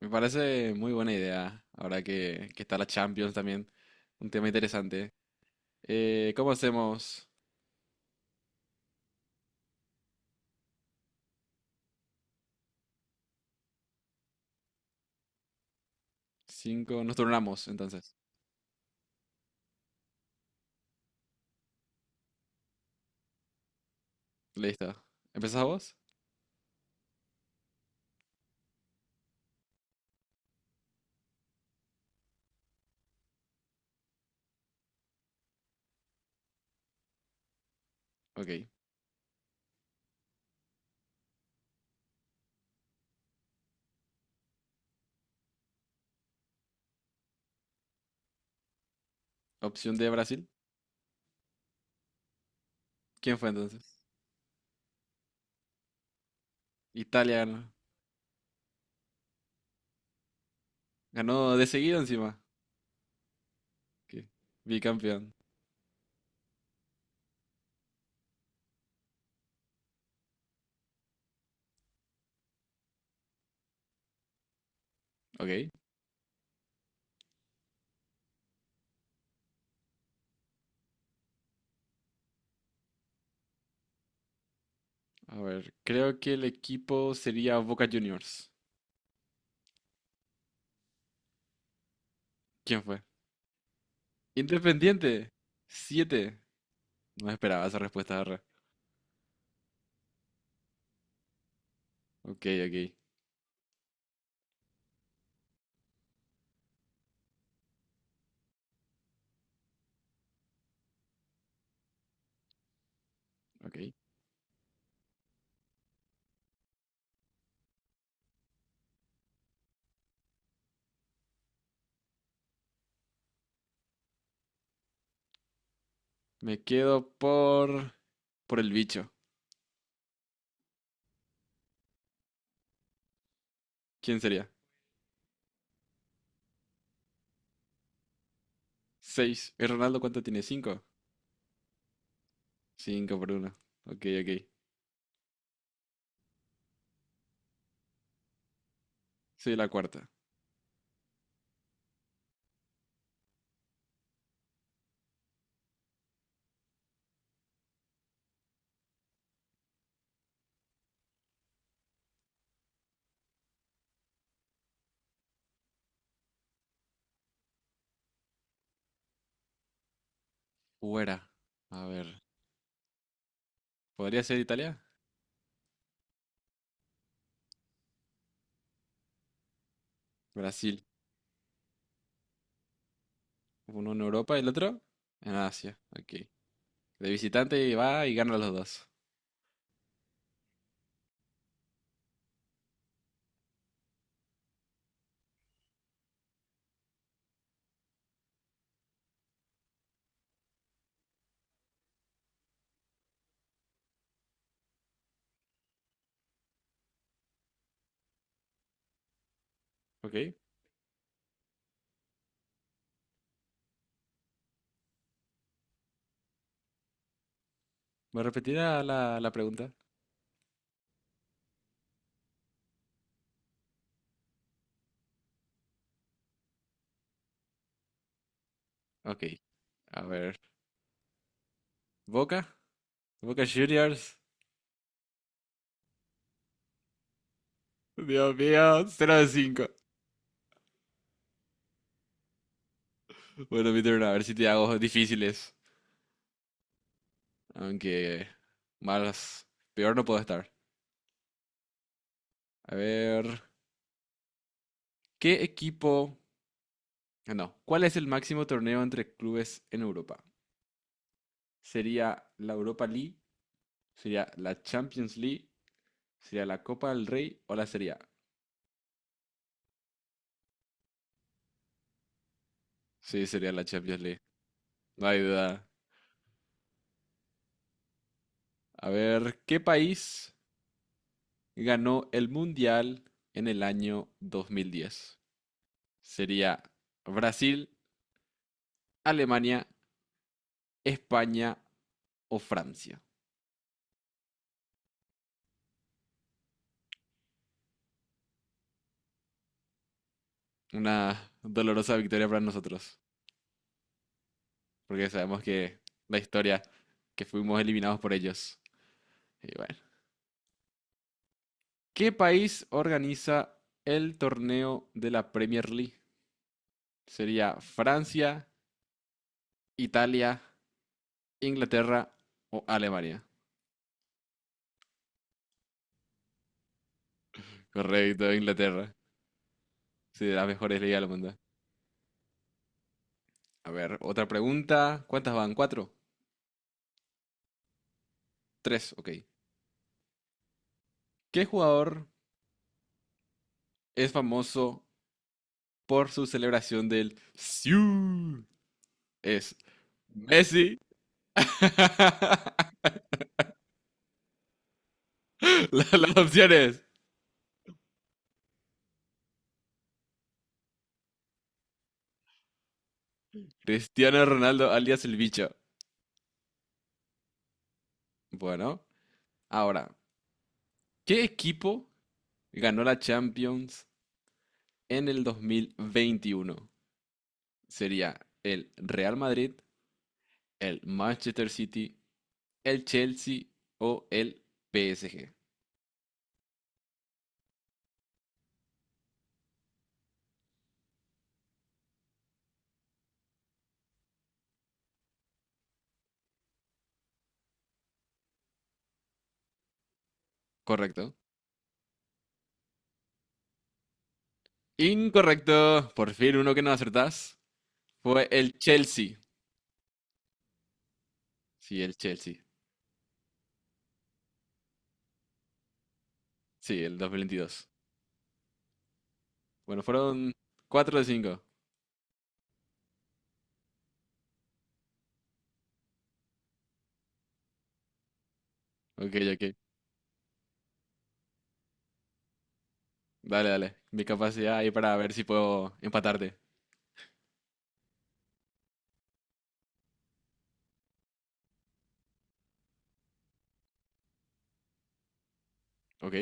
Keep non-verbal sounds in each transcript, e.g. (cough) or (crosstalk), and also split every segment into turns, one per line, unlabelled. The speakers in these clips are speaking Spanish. Me parece muy buena idea, ahora que está la Champions también. Un tema interesante. ¿Cómo hacemos? Cinco, nos turnamos entonces. Listo. ¿Empezás vos? Ok. Opción de Brasil. ¿Quién fue entonces? Italia ganó. Ganó de seguido encima. Ok, bicampeón. Ok. A ver, creo que el equipo sería Boca Juniors. ¿Quién fue? Independiente. Siete. No esperaba esa respuesta, arre. Ok, ok, ok. Me quedo por el bicho. ¿Quién sería? Seis. ¿Y Ronaldo cuánto tiene? ¿Cinco? Cinco por uno. Ok, ok. Soy la cuarta. Fuera. A ver. ¿Podría ser Italia? Brasil. Uno en Europa, el otro en Asia. Ok. De visitante va y gana los dos. Ok. ¿Me repetirá la pregunta? Ok. A ver. ¿Boca? ¿Boca Juniors? Dios mío, 0 de 5. Bueno, mi turno, a ver si te hago difíciles. Aunque más, peor no puedo estar. A ver, ¿qué equipo? Ah, No, ¿Cuál es el máximo torneo entre clubes en Europa? ¿Sería la Europa League? ¿Sería la Champions League? ¿Sería la Copa del Rey o la Serie A? Sí, sería la Champions League. No hay duda. A ver, ¿qué país ganó el Mundial en el año 2010? ¿Sería Brasil, Alemania, España o Francia? Una dolorosa victoria para nosotros, porque sabemos que la historia, que fuimos eliminados por ellos. Y bueno. ¿Qué país organiza el torneo de la Premier League? Sería Francia, Italia, Inglaterra o Alemania. Correcto, Inglaterra. Sí, de las mejores ligas del mundo. A ver, otra pregunta. ¿Cuántas van? ¿Cuatro? Tres, ok. ¿Qué jugador es famoso por su celebración del Siu? ¿Es Messi, (laughs) las opciones. Cristiano Ronaldo alias el bicho. Bueno, ahora, ¿qué equipo ganó la Champions en el 2021? ¿Sería el Real Madrid, el Manchester City, el Chelsea o el PSG? ¿Correcto? Incorrecto. Por fin uno que no acertás. Fue el Chelsea. Sí, el Chelsea. Sí, el 2022. Bueno, fueron 4 de cinco. Ok, ok. Dale, dale. Mi capacidad ahí para ver si puedo empatarte. Ok.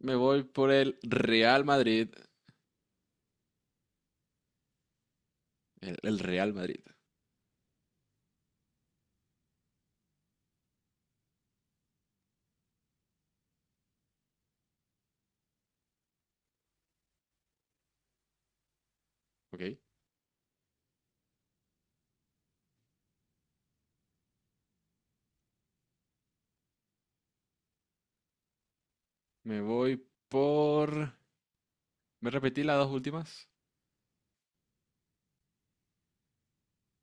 Me voy por el Real Madrid. El Real Madrid. Ok. Me voy por... Me repetí las dos últimas.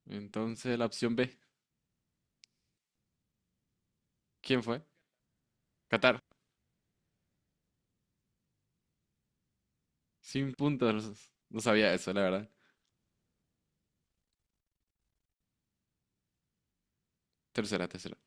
Entonces la opción B. ¿Quién fue? Qatar. Sin puntos. No sabía eso, la verdad. Tercera, tercera.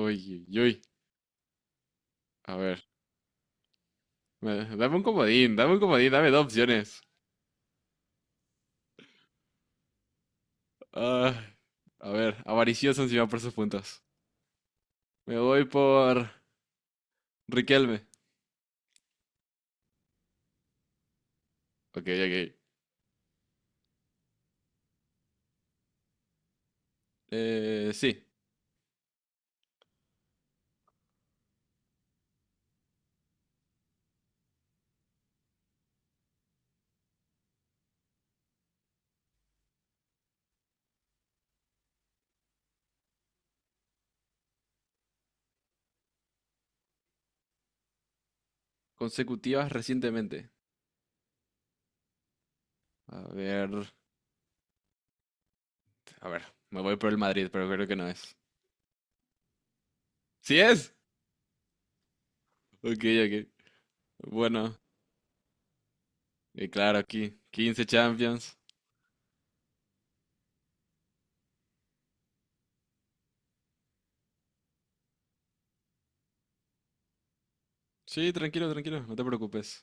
Uy, uy, uy. A ver. Dame un comodín. Dame un comodín. Dame dos opciones. Ah, a ver. Avaricioso encima por sus puntos. Me voy por Riquelme. Ok, ok. Sí, consecutivas recientemente. A ver, a ver, me voy por el Madrid, pero creo que no es. ¿Sí es? Ok, ok. Bueno, y claro, aquí, 15 Champions. Sí, tranquilo, tranquilo, no te preocupes.